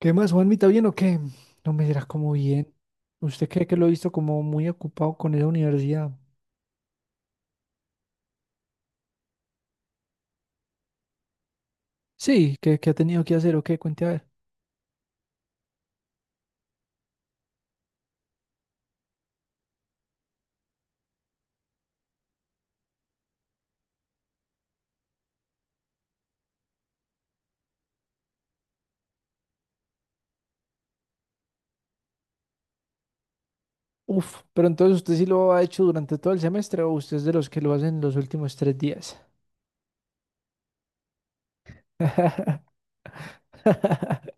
¿Qué más, Juanmita? ¿Bien o qué? No me dirá como bien. ¿Usted cree que lo he visto como muy ocupado con esa universidad? Sí, ¿qué ha tenido que hacer o qué? Cuente a ver. Uf, pero entonces usted sí lo ha hecho durante todo el semestre o usted es de los que lo hacen los últimos tres días.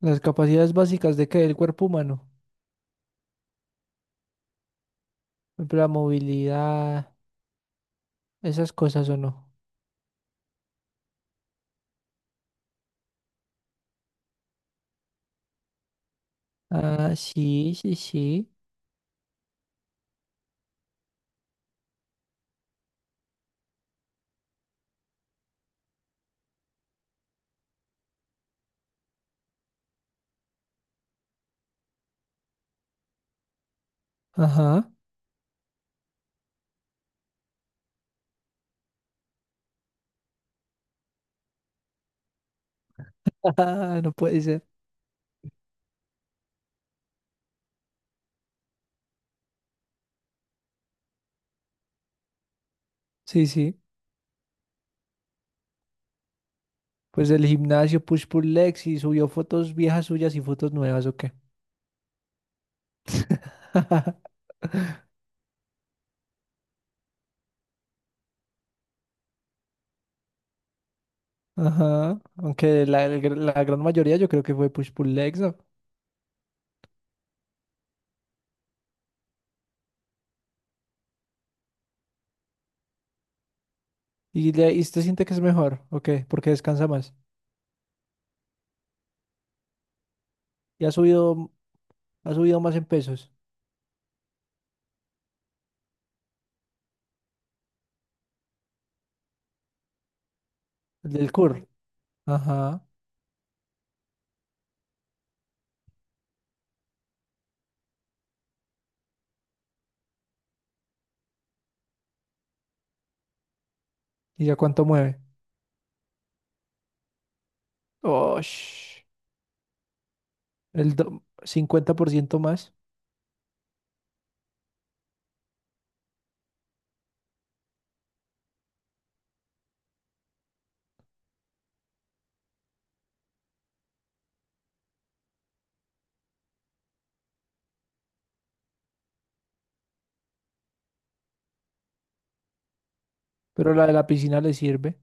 Las capacidades básicas de qué, del cuerpo humano. Por ejemplo, la movilidad, esas cosas o no. Ah, sí, sí, sí. Ajá. No puede ser. Sí, sí. Pues el gimnasio, push pull legs y subió fotos viejas suyas y fotos nuevas, ¿o qué? Ajá. Aunque la gran mayoría yo creo que fue push pull legs, ¿no? ¿Y, y usted siente que es mejor, o qué? Porque descansa más. Y ha subido más en pesos. El del curl. Ajá. ¿Y ya cuánto mueve? Oh, 50% más. Pero la de la piscina le sirve.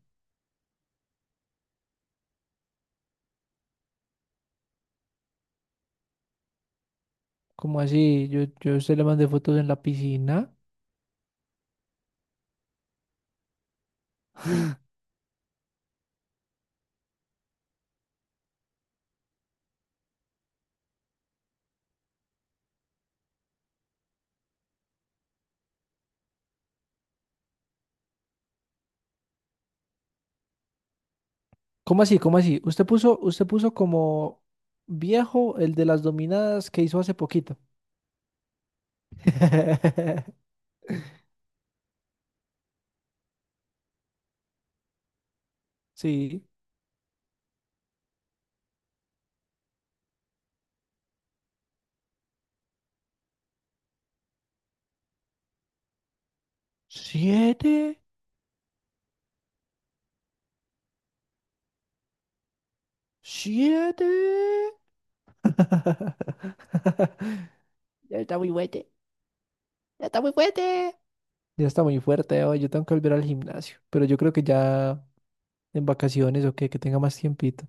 Como así? Yo a usted le mandé fotos en la piscina. ¿Cómo así? ¿Cómo así? Usted puso como viejo el de las dominadas que hizo hace poquito. Sí. Siete, siete. Ya está muy fuerte, ya está muy fuerte. Ya está muy fuerte hoy. Yo tengo que volver al gimnasio. Pero yo creo que ya en vacaciones o que tenga más tiempito.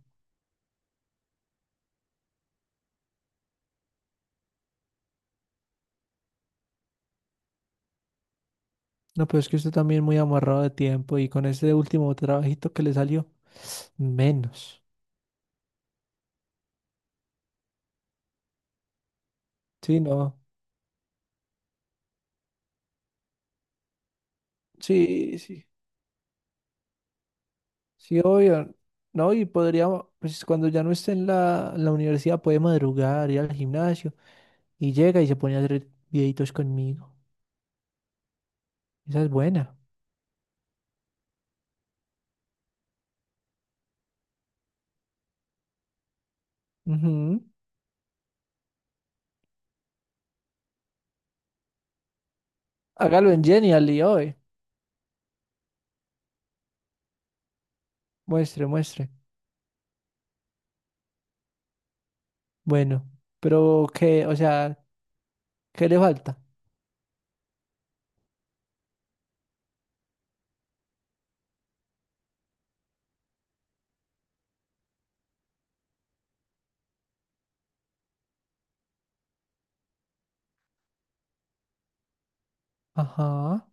No, pero es que usted también muy amarrado de tiempo y con ese último trabajito que le salió, menos. Sí, no. Sí, sí. Sí, obvio. No, y podríamos, pues cuando ya no esté en la universidad, puede madrugar, ir al gimnasio y llega y se pone a hacer videitos conmigo. Esa es buena. Ujú. Hágalo en Genial y hoy. Muestre, muestre. Bueno, pero qué o sea, ¿qué le falta? Ajá.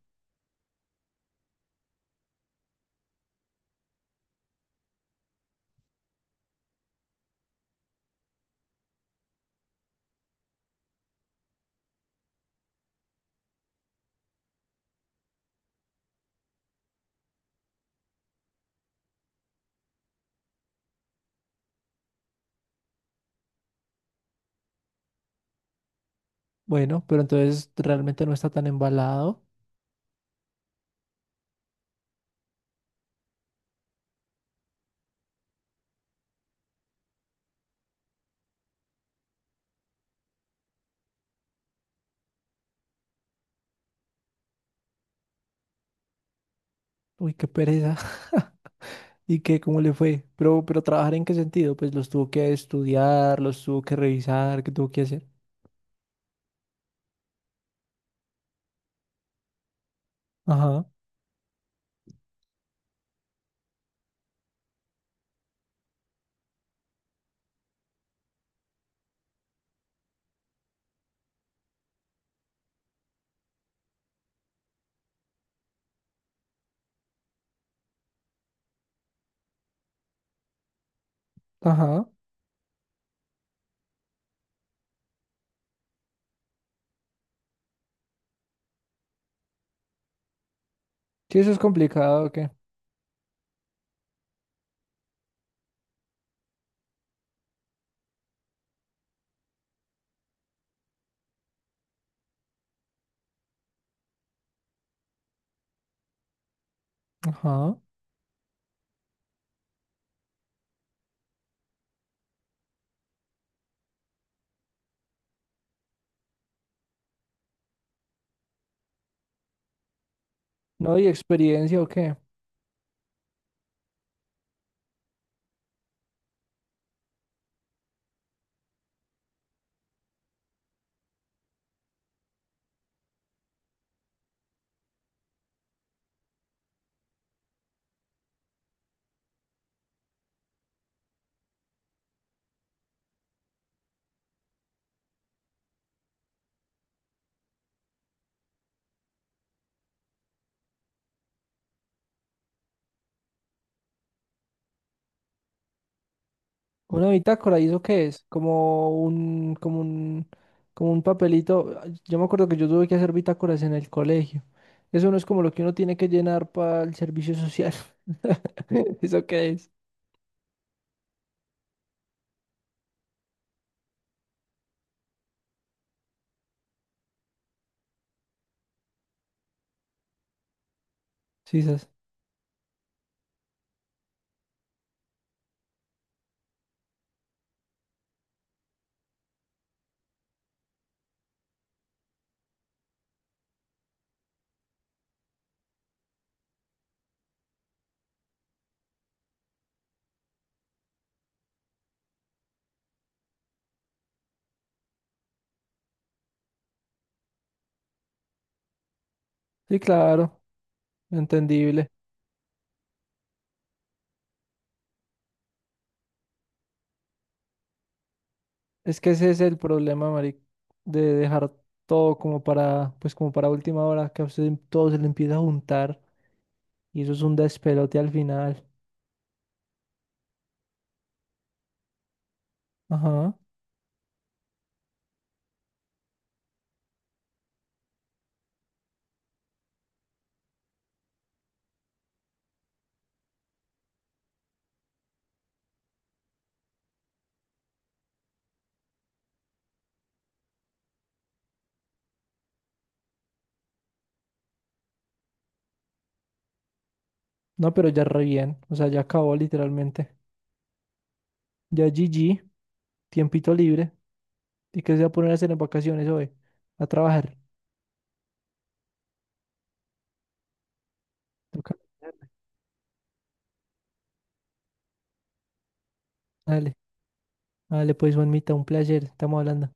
Bueno, pero entonces realmente no está tan embalado. Uy, qué pereza. ¿Y qué? ¿Cómo le fue? ¿Pero, pero trabajar en qué sentido? Pues los tuvo que estudiar, los tuvo que revisar, ¿qué tuvo que hacer? Ajá, ajá. Sí, eso es complicado, ¿o qué? Ajá. No, y experiencia, ¿o qué? Una bitácora, ¿y eso qué es? Como un, como un, como un papelito. Ah, yo me acuerdo que yo tuve que hacer bitácoras en el colegio. Eso no es como lo que uno tiene que llenar para el servicio social. ¿Eso qué es? Sí, sas. Sí, claro, entendible. Es que ese es el problema, Mari, de dejar todo como para, pues como para última hora, que a usted todo se le empieza a juntar y eso es un despelote al final. Ajá. No, pero ya re bien. O sea, ya acabó literalmente. Ya GG, tiempito libre. ¿Y qué se va a poner a hacer en vacaciones hoy? A trabajar. Toca. Dale, dale, pues, Juanmita, un placer. Estamos hablando.